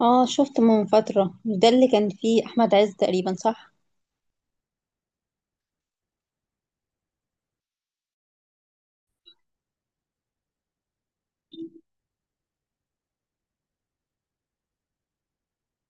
اه، شفته من فترة. مش ده اللي كان فيه أحمد عز تقريبا، صح؟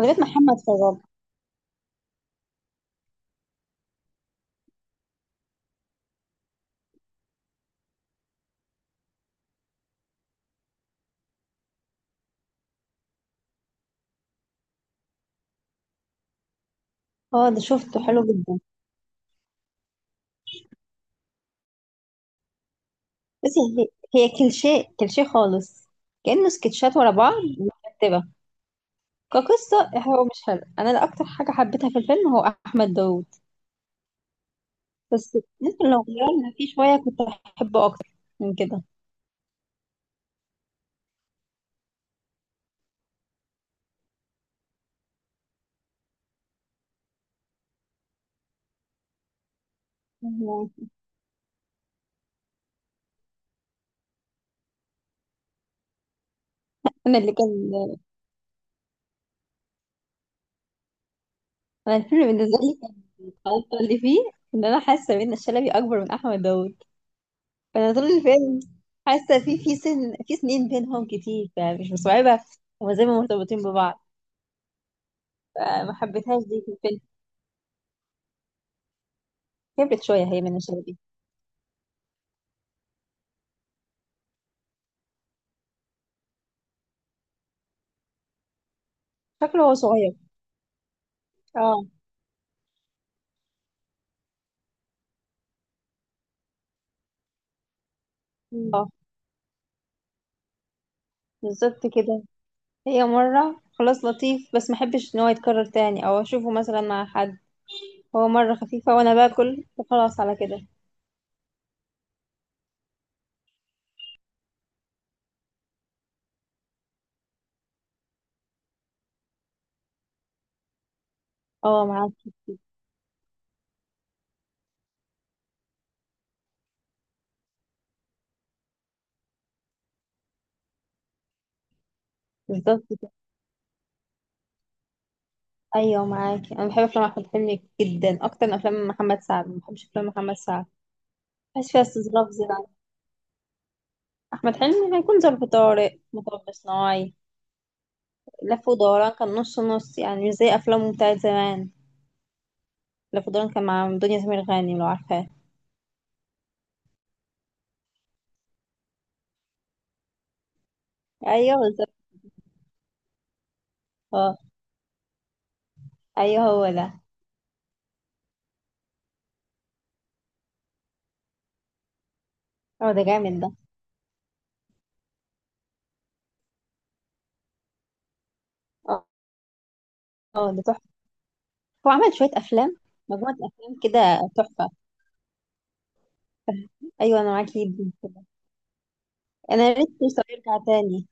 لغاية محمد فضل. اه، ده شفته حلو جدا. بس هي كليشيه كليشيه خالص. كأنه سكتشات ورا بعض مترتبة. كقصة هو مش حلو. أنا اللي أكتر حاجة حبيتها في الفيلم هو أحمد داوود. بس ممكن لو غيرنا فيه شوية كنت أحبه أكتر من كده. أنا اللي كان، أنا الفيلم بالنسبة لي كان الغلطة اللي فيه إن أنا حاسة بإن الشلبي أكبر من أحمد داوود. فانا طول الفيلم حاسه في سنين بينهم كتير، فمش مستوعبه هما زي ما مرتبطين ببعض. فما حبيتهاش دي في الفيلم. كبرت شويه هي من شلبي. شكله هو صغير. اه. اه، بالظبط كده. هي مره خلاص لطيف، بس ما احبش ان هو يتكرر تاني او اشوفه مثلا مع حد. هو مره خفيفه وانا باكل، وخلاص على كده. اه، معاكي. بالظبط كده. ايوه معاكي، انا بحب افلام احمد حلمي جدا اكتر من افلام محمد سعد. ما بحبش افلام محمد سعد، مبحبش فيها استظراف زيادة. احمد حلمي هيكون ظرف طارق، مطب صناعي، لف ودوران كان نص نص، يعني مش زي افلامه بتاعت زمان. لف ودوران كان مع دنيا سمير غانم، لو عارفاه. ايوه بالظبط. اه، ايوه هو ده. هو ده جامد ده. اه. اه، ده تحفه. هو عمل شويه افلام، مجموعه افلام كده. تحفه. ايوه انا معاكي جدا كده. انا يا ريت فرصه يرجع تاني.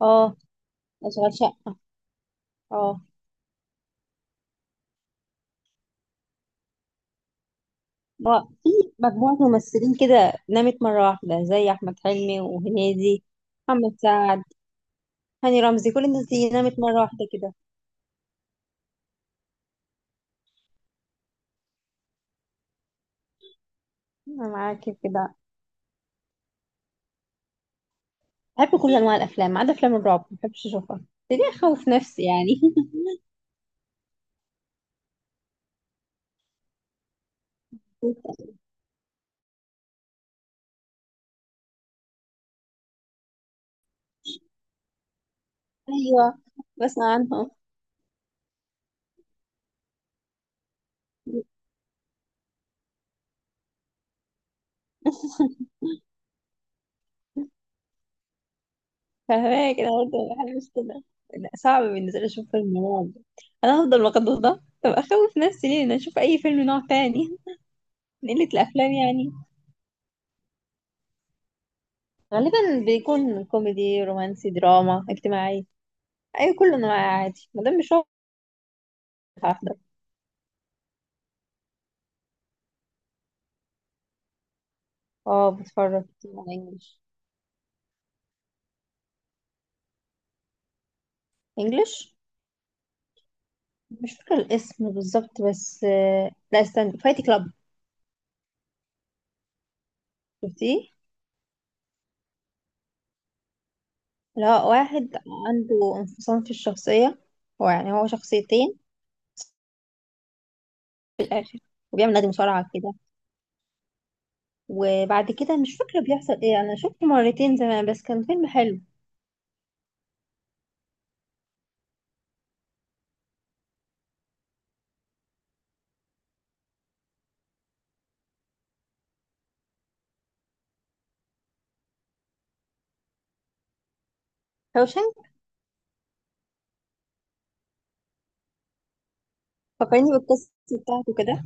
اه، اشغال شقه. اه. هو في مجموعه ممثلين كده نامت مره واحده، زي احمد حلمي وهنيدي، محمد سعد، هاني رمزي. كل الناس دي نامت مرة واحدة كده. انا معاكي في كده. بحب كل انواع الافلام ما عدا افلام الرعب، ما بحبش اشوفها. ليه؟ اخوف نفسي يعني. ايوه. بسمع عنهم. فاهمة كده، برضه حاجة مش كده. لا، صعب بالنسبة لي اشوف فيلم رعب. انا هفضل مقدوس، ده طب اخوف نفسي ليه إن أنا اشوف اي فيلم نوع تاني. من قلة الافلام يعني. غالبا بيكون كوميدي، رومانسي، دراما اجتماعي. اي كل انواع، عادي ما دام مش رعب، هحضر. اه، بتفرج كتير على انجلش. انجلش، مش فاكرة الاسم بالظبط، بس لا استنى، فايت كلاب. شفتيه؟ اللي هو واحد عنده انفصام في الشخصية، هو يعني هو شخصيتين في الآخر. وبيعمل نادي مصارعة كده. وبعد كده مش فاكرة بيحصل ايه، أنا شفته مرتين زمان بس كان فيلم حلو. روشن. فكرني بالقصة بتاعته كده.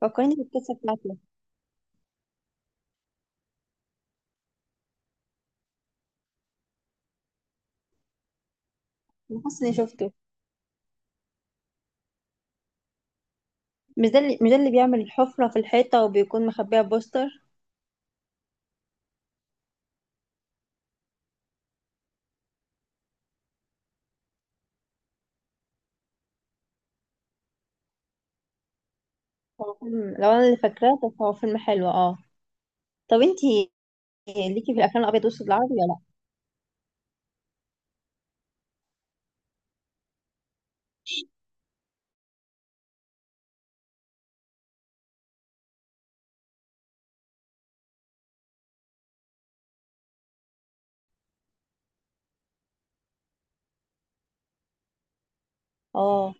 فكرني بالقصة بتاعته. أنا حاسة إني شفته. مش ده اللي بيعمل الحفرة في الحيطة وبيكون مخبيها بوستر. هو فيلم لو أنا اللي فاكراه، طب هو فيلم حلو اه. طب انتي، ليكي في الأفلام الأبيض وأسود العربي ولا؟ اه،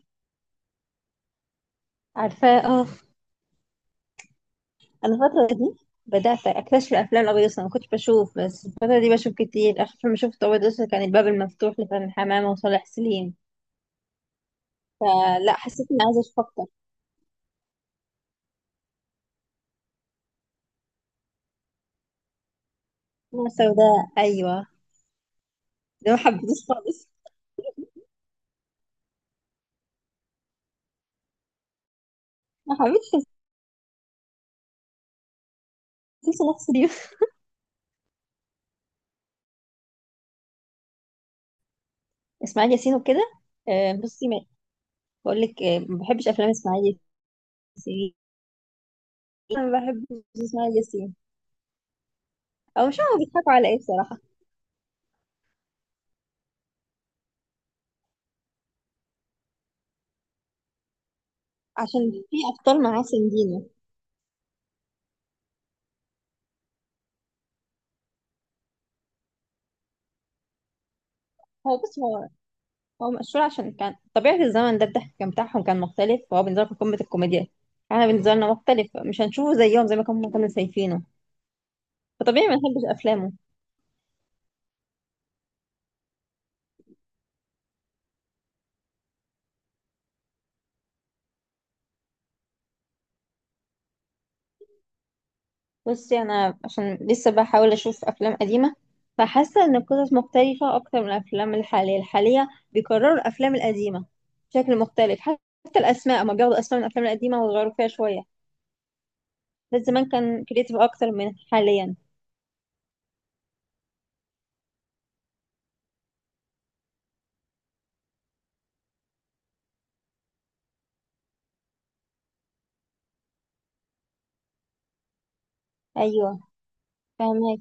عارفاه اه. انا الفترة دي بدأت اكتشف الافلام الابيض والأسود. انا ما كنتش بشوف، بس الفترة دي بشوف كتير. اخر فيلم شفته ابيض واسود كان الباب المفتوح لفرح حمامة وصالح سليم. فلا حسيت اني عايزة اشوف اكتر. انا سوداء ايوه. ده ما حبيتوش خالص. ما حبيتش تمثيل صالح سليم. اسماعيل ياسين وكده. بصي، بقول لك، ما بحبش افلام اسماعيل ياسين. انا ما بحبش اسماعيل ياسين، او مش عارفه بيضحكوا على ايه بصراحة. عشان في ابطال معاه سندينة. هو بص، هو مشهور عشان كان طبيعة الزمن ده الضحك كان بتاعهم كان مختلف، فهو بالنسبة لهم قمة الكوميديا. احنا بالنسبة لنا مختلف، مش هنشوفه زيهم زي ما كنا شايفينه. فطبيعي ما نحبش أفلامه. بصي، أنا عشان لسه بحاول أشوف أفلام قديمة، فحاسة إن القصص مختلفة أكتر من الأفلام الحالية. بيكرروا الأفلام القديمة بشكل مختلف. حتى الأسماء ما بياخدوا أسماء من الأفلام القديمة ويغيروا فيها شوية. بس زمان كان كريتيف أكتر من حاليا. أيوه. فاهمك.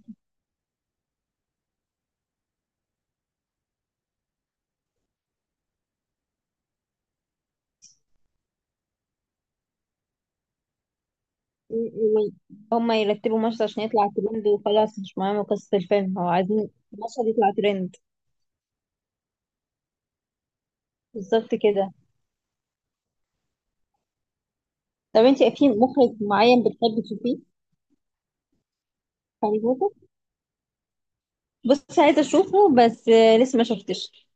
و- هما يرتبوا مشهد عشان يطلع ترند وخلاص. مش مهم قصة الفيلم، هو عايزين مشهد يطلع ترند. بالظبط كده. طب انتي، في مخرج معين بتحبي تشوفيه؟ في هاري بوتر، بص عايزة اشوفه بس لسه ما شفتش.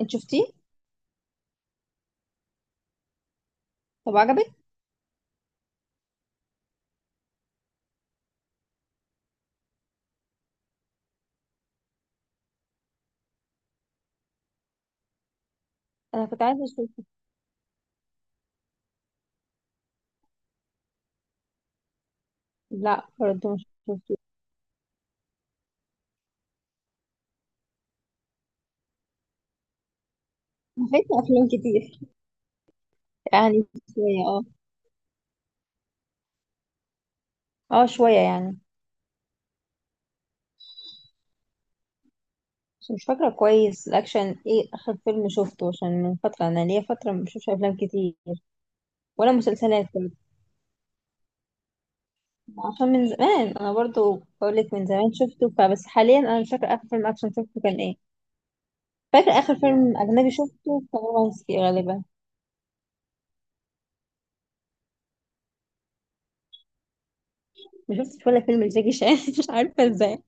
انت شفتيه؟ طب عجبك؟ انا كنت عايزة اشوفه. لا، برضه مش شفته. انا فايتة افلام كتير. يعني شوية اه. اه، شوية يعني. بس مش فاكرة كويس الأكشن. ايه آخر فيلم شفته؟ عشان من فترة أنا، ليا فترة ما بشوفش أفلام كتير ولا مسلسلات. عشان من زمان، انا برضو بقولك من زمان شفته، فبس حاليا انا مش فاكره اخر فيلم اكشن شفته كان ايه. فاكره اخر فيلم اجنبي شفته كان رومانسي غالبا. ما شفتش ولا فيلم لجاكي شان. مش عارفه ازاي.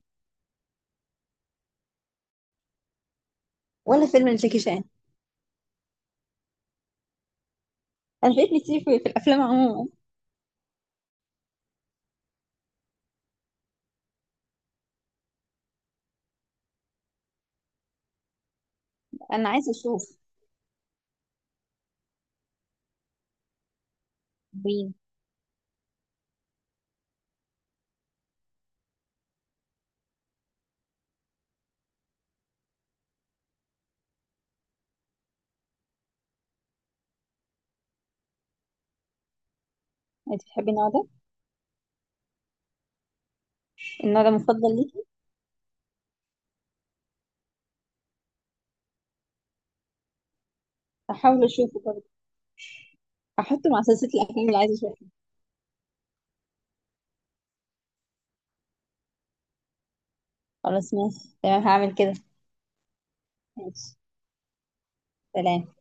ولا فيلم لجاكي شان. انا فايتني كتير في الافلام عموما. انا عايزه اشوف. مين؟ انت بتحبي النوع ده؟ النوع ده مفضل ليكي؟ هحاول اشوفه برضه. هحطه مع سلسله الافلام اللي عايزه اشوفها. خلاص، ماشي تمام، هعمل كده. ماشي. سلام.